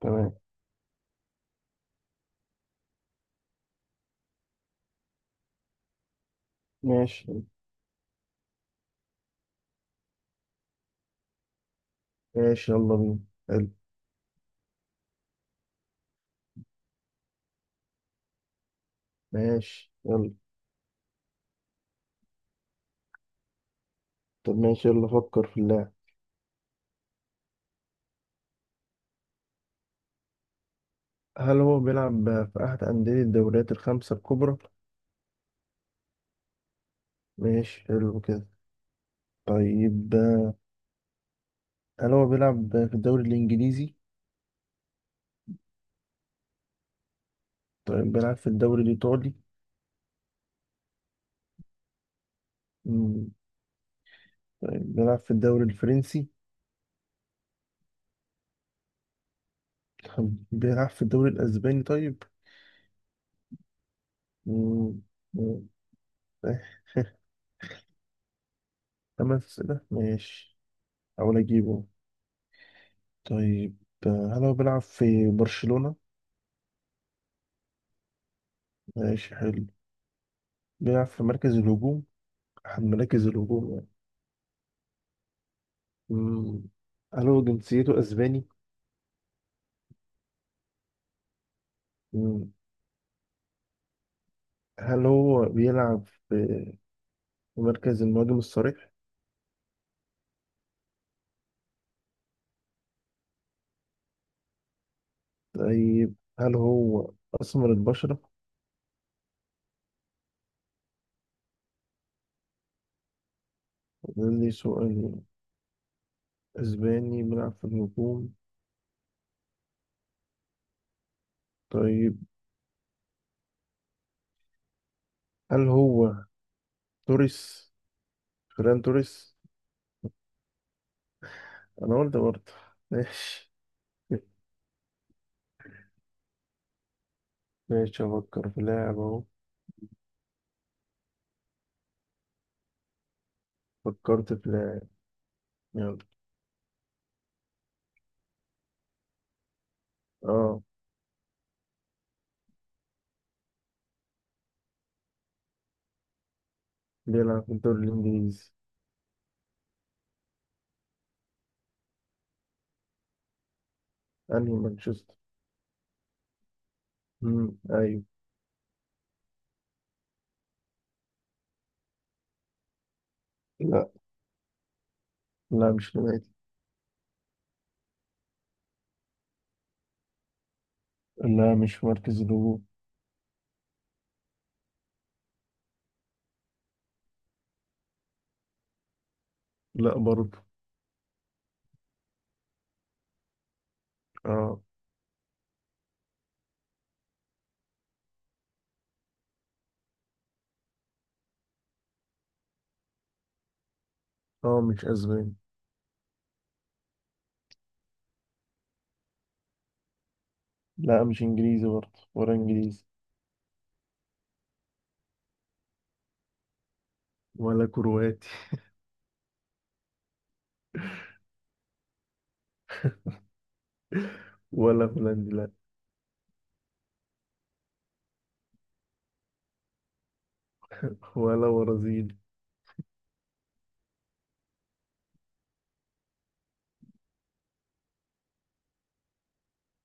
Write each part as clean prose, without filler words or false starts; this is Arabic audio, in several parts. تمام. ماشي ماشي. يلا بينا. حلو. ماشي يلا. طب ماشي يلا فكر في اللاعب. هل هو بيلعب في أحد أندية الدوريات الخمسة الكبرى؟ ماشي حلو كده. طيب هل هو بيلعب في الدوري الإنجليزي؟ طيب بيلعب في الدوري الإيطالي؟ مم. طيب بيلعب في الدوري الفرنسي؟ طب بيلعب في الدوري الأسباني طيب؟ مم. مم. خمس أسئلة ماشي. أحاول أجيبه. طيب هل هو بيلعب في برشلونة؟ ماشي حلو. بيلعب في مركز الهجوم، أحد مراكز الهجوم يعني. مم. هل هو جنسيته أسباني؟ مم. هل هو بيلعب في مركز المهاجم الصريح؟ طيب هل هو أسمر البشرة؟ ده لي سؤال. أسباني بيلعب في الهجوم. طيب هل هو توريس؟ فران توريس؟ أنا قلت برضه. ماشي. ماشي أفكر في لاعب أهو. فكرت في لاعب. يلا. أه بيلعب في الدوري الإنجليزي. أنهي مانشستر؟ مم. أيوه. لا لا مش نباتي. لا مش في مركز الهجوم. لا برضه. اه. اه مش اسباني. لا مش انجليزي برضه ولا انجليزي. ولا كرواتي. ولا هولندي لا. ولا برازيلي.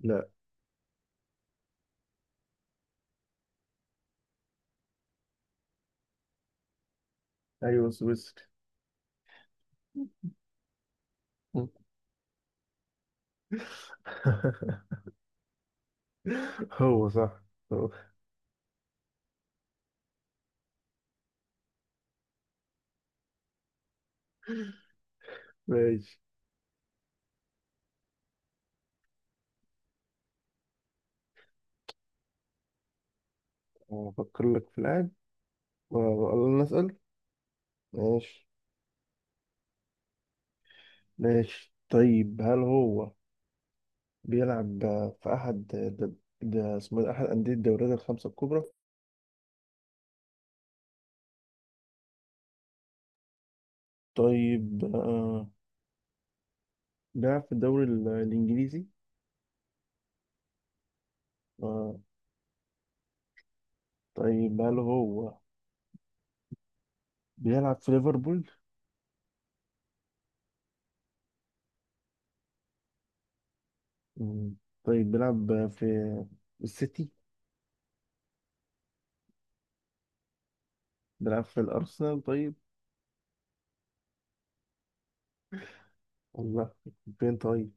لا. ايوه سويسري. هو صح. هو. ماشي افكر لك في اللاعب. والله نسأل. ماشي. ماشي طيب هل هو بيلعب في احد، ده, ده اسمه إيه؟ احد انديه الدوريات الخمسه الكبرى. طيب بيلعب في الدوري الإنجليزي. آه، طيب هل هو بيلعب في ليفربول؟ مم. طيب بيلعب في السيتي؟ بيلعب في الأرسنال طيب؟ الله، فين طيب؟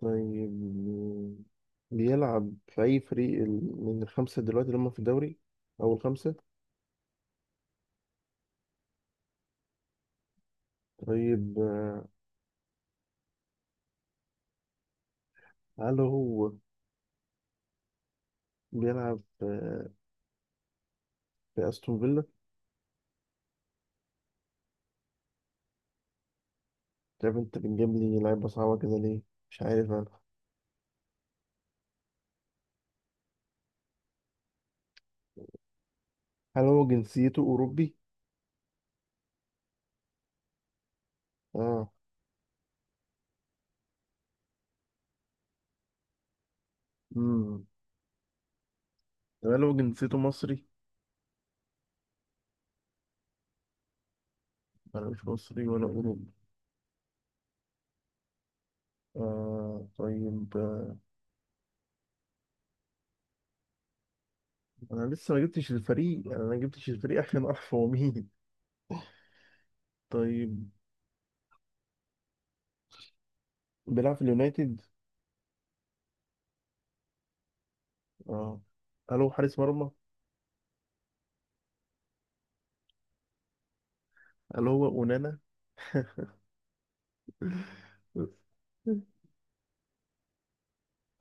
طيب بيلعب في أي فريق من الخمسة دلوقتي اللي هم في الدوري أو الخمسة؟ طيب هل هو بيلعب في أستون فيلا؟ طيب أنت بتجيب لي لعيبة صعبة كده ليه؟ مش عارف أنا. هل هو جنسيته أوروبي؟ آه. ده لو جنسيته مصري. انا مش مصري ولا اوروبي. آه طيب. انا لسه ما جبتش الفريق، يعني انا ما جبتش الفريق عشان اعرف هو مين. طيب بيلعب في اليونايتد. اه. هل هو حارس مرمى. هل هو اونانا.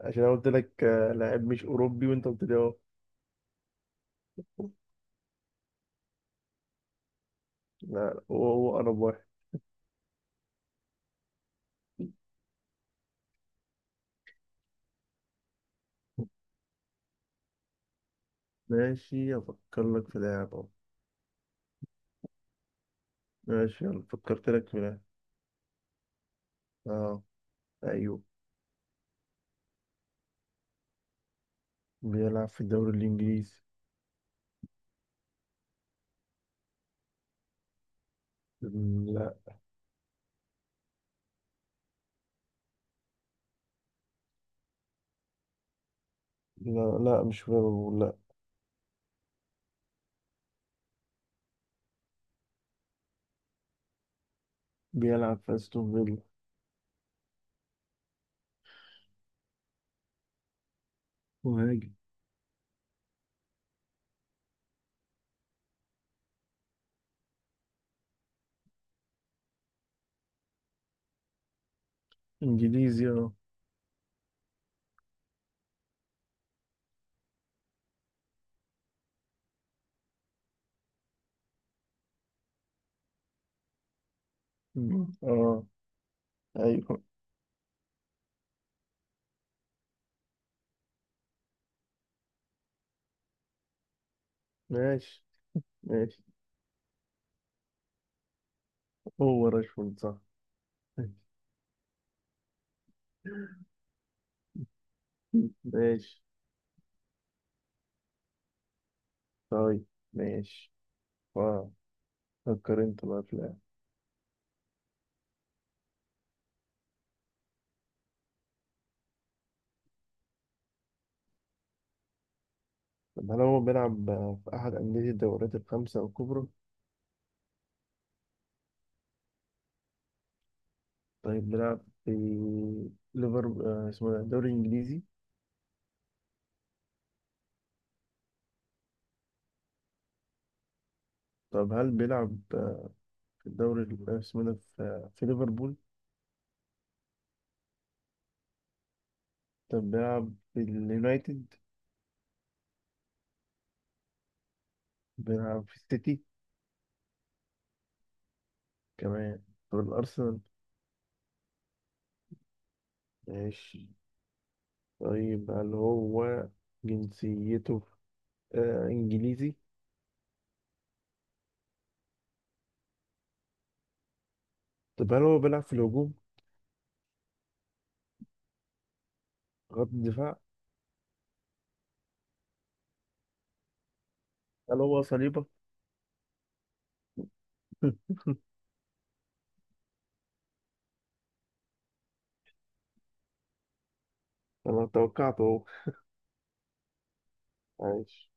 عشان انا قلت لك لاعب مش اوروبي وانت قلت لي اه. لا لا، هو انا واحد. ماشي افكر لك في لاعب اه. ماشي يلا فكرت لك في لاعب اه. ايوه بيلعب في الدوري الانجليزي. لا لا مش فيرو لا. بيلعب في استون فيلا. مهاجم. انجليزي اه. مم. اه. ايوه. ماشي. ماشي هو راشفورد صح. ماشي طيب ماشي. واو. فكر انت بقى في اللاعب. طب هل هو بيلعب في احد انديه الدوريات الخمسه الكبرى. طيب بيلعب في ليفر اسمه ده الدوري الانجليزي. طب هل بيلعب في الدوري اسمه ده في ليفربول. طب بيلعب في اليونايتد. بيلعب في السيتي كمان. طب الأرسنال. ماشي طيب هل هو جنسيته إنجليزي؟ طب هل هو بيلعب في الهجوم. خط الدفاع. هل هو صليبة. أنا توقعته أهو. ماشي.